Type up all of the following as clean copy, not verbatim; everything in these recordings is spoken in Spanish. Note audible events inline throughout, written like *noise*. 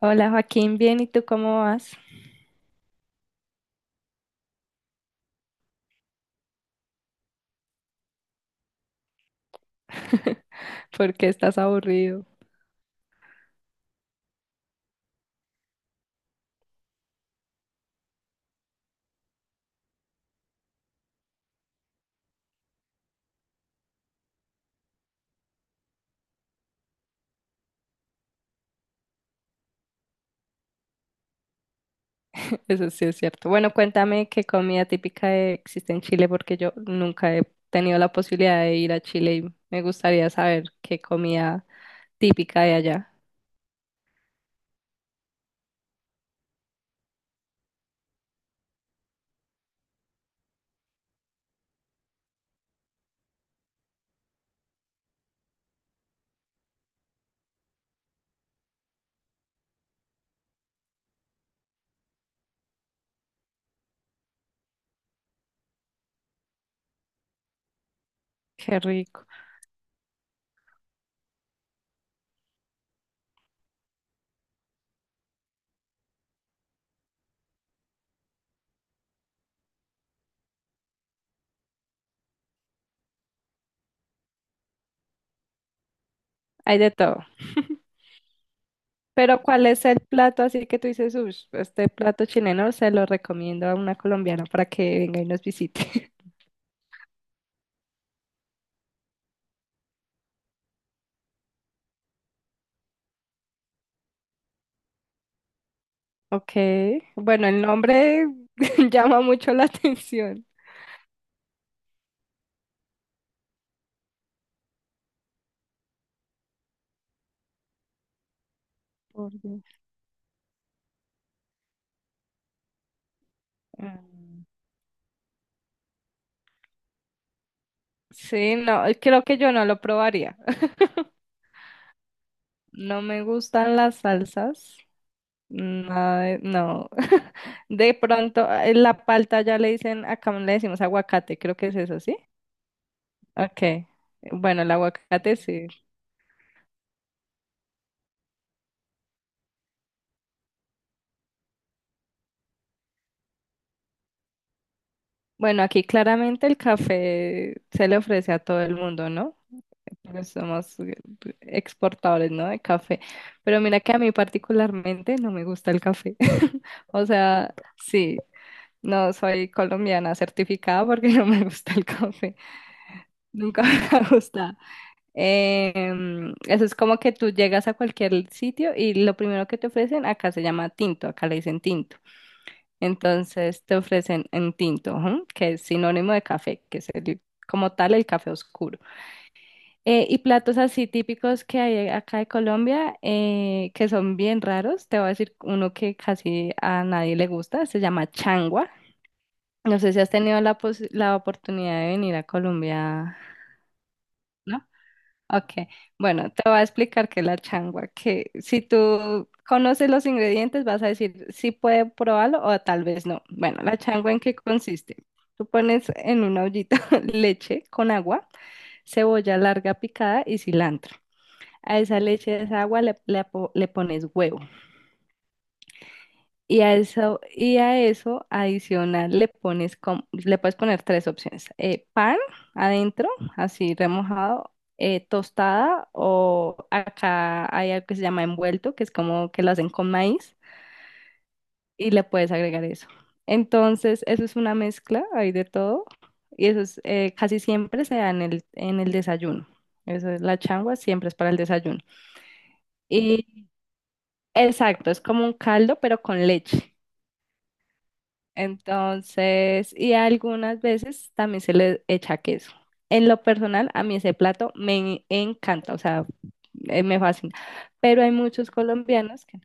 Hola Joaquín, bien, ¿y tú cómo vas? *laughs* ¿Por qué estás aburrido? *laughs* Eso sí es cierto. Bueno, cuéntame qué comida típica existe en Chile, porque yo nunca he tenido la posibilidad de ir a Chile y me gustaría saber qué comida típica hay allá. Qué rico. Hay de todo. Pero ¿cuál es el plato así que tú dices, uff, este plato chileno se lo recomiendo a una colombiana para que venga y nos visite? *laughs* Ok, bueno, el nombre *laughs* llama mucho la atención. Por Dios. Mm. Sí, no, creo que yo no lo probaría. No me gustan las salsas. Nada de- No. *laughs* De pronto, la palta ya le dicen, acá le decimos aguacate, creo que es eso, ¿sí? Ok. Bueno, el aguacate sí. Bueno, aquí claramente el café se le ofrece a todo el mundo, ¿no? Porque somos exportadores, ¿no? De café. Pero mira que a mí particularmente no me gusta el café. *laughs* O sea, sí, no soy colombiana certificada porque *laughs* no me gusta el café. Nunca *laughs* me ha gustado. Eso es como que tú llegas a cualquier sitio y lo primero que te ofrecen, acá se llama tinto, acá le dicen tinto. Entonces te ofrecen en tinto, ujú, que es sinónimo de café, que es como tal el café oscuro. Y platos así típicos que hay acá de Colombia, que son bien raros, te voy a decir uno que casi a nadie le gusta, se llama changua. No sé si has tenido la oportunidad de venir a Colombia. ¿No? Ok, bueno, te voy a explicar qué es la changua, que si tú conoces los ingredientes vas a decir si puede probarlo o tal vez no. Bueno, la changua en qué consiste. Tú pones en una ollita *laughs* leche con agua, cebolla larga picada y cilantro. A esa leche, a esa agua le pones huevo. Y a eso adicional le puedes poner tres opciones. Pan adentro, así remojado, tostada, o acá hay algo que se llama envuelto, que es como que lo hacen con maíz, y le puedes agregar eso. Entonces, eso es una mezcla, hay de todo, y eso es, casi siempre se da en el desayuno. Eso es, la changua siempre es para el desayuno. Y exacto, es como un caldo, pero con leche. Entonces, y algunas veces también se le echa queso. En lo personal, a mí ese plato me encanta, o sea, me fascina. Pero hay muchos colombianos que no.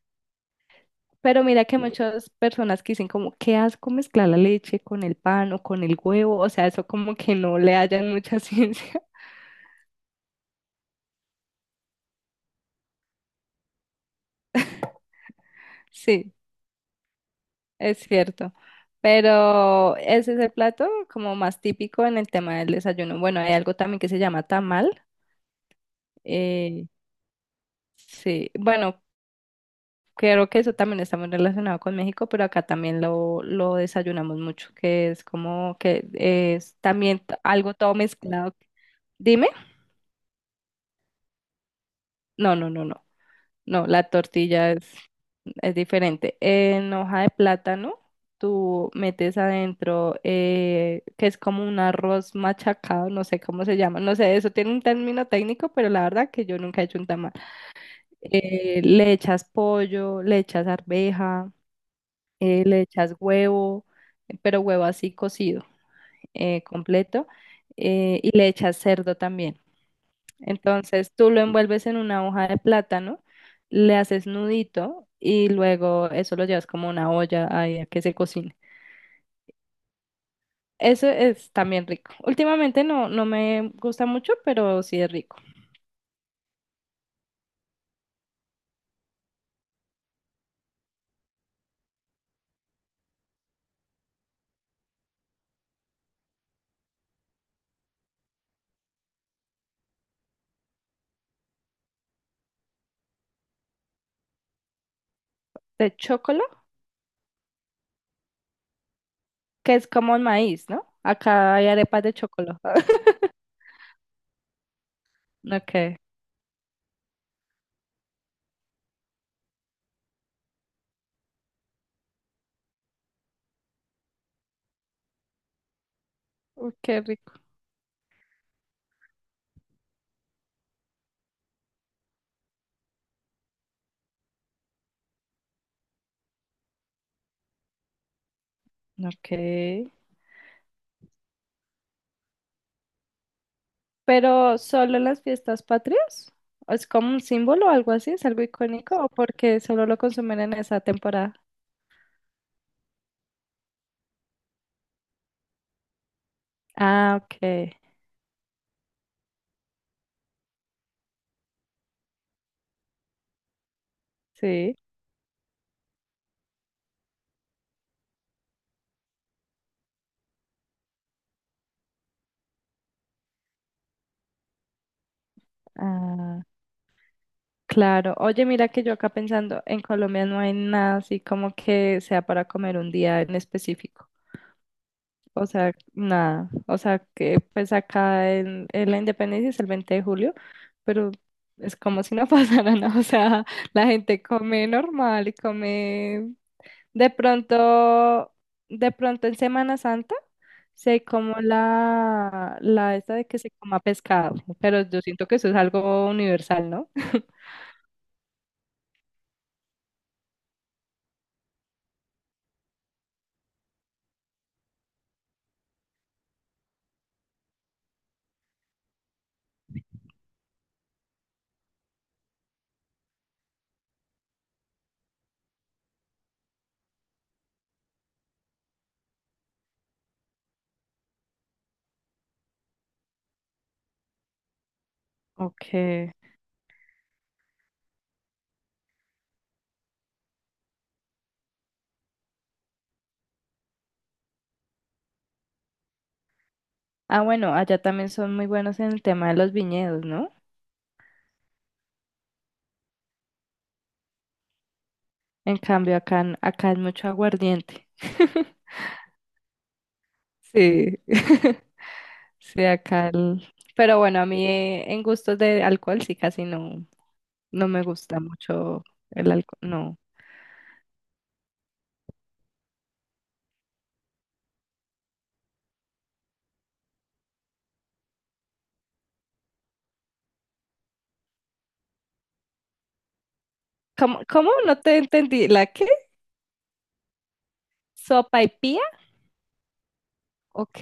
Pero mira que muchas personas que dicen como, qué asco mezclar la leche con el pan o con el huevo, o sea, eso como que no le hallan mucha *laughs* ciencia. Sí, es cierto. Pero ese es el plato como más típico en el tema del desayuno. Bueno, hay algo también que se llama tamal. eh, sí, bueno, creo que eso también está muy relacionado con México, pero acá también lo desayunamos mucho, que es como que es también algo todo mezclado. Dime, no, no, no, no, no, la tortilla es diferente. En hoja de plátano, tú metes adentro, que es como un arroz machacado, no sé cómo se llama, no sé, eso tiene un término técnico, pero la verdad que yo nunca he hecho un tamal. Le echas pollo, le echas arveja. Le echas huevo, pero huevo así cocido, completo, y le echas cerdo también. Entonces tú lo envuelves en una hoja de plátano, le haces nudito y luego eso lo llevas como a una olla ahí a que se cocine. Eso es también rico. Últimamente no, no me gusta mucho, pero sí es rico. De chocolo, que es como el maíz, ¿no? Acá hay arepas de chocolo. *laughs* Ok. Uy, qué rico. Ok. Pero solo en las fiestas patrias, ¿o es como un símbolo o algo así, es algo icónico, o porque solo lo consumen en esa temporada? Ah, ok, sí, ah, claro. Oye, mira que yo acá pensando, en Colombia no hay nada así como que sea para comer un día en específico. O sea, nada. O sea, que pues acá en la Independencia es el 20 de julio, pero es como si no *laughs* pasara nada. O sea, la gente come normal y come. De pronto, de pronto en Semana Santa se como la esta de que se coma pescado, pero yo siento que eso es algo universal, ¿no? Okay. Ah, bueno, allá también son muy buenos en el tema de los viñedos, ¿no? En cambio, acá, acá es mucho aguardiente. *laughs* Sí, *laughs* sí, acá. Pero bueno, a mí en gustos de alcohol sí casi no, no me gusta mucho el alcohol, no. ¿Cómo, cómo? No te entendí. ¿La qué? ¿Sopa y pilla? Ok.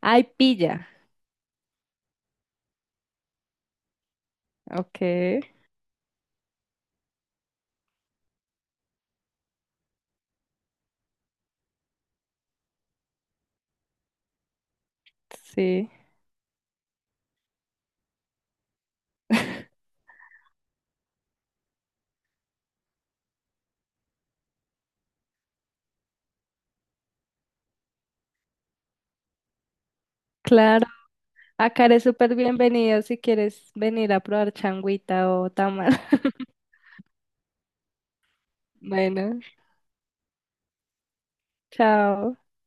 Ay, pilla. Ok. Sí. *laughs* Claro. Acá eres súper bienvenido si quieres venir a probar changuita o tamal. *laughs* Bueno, chao.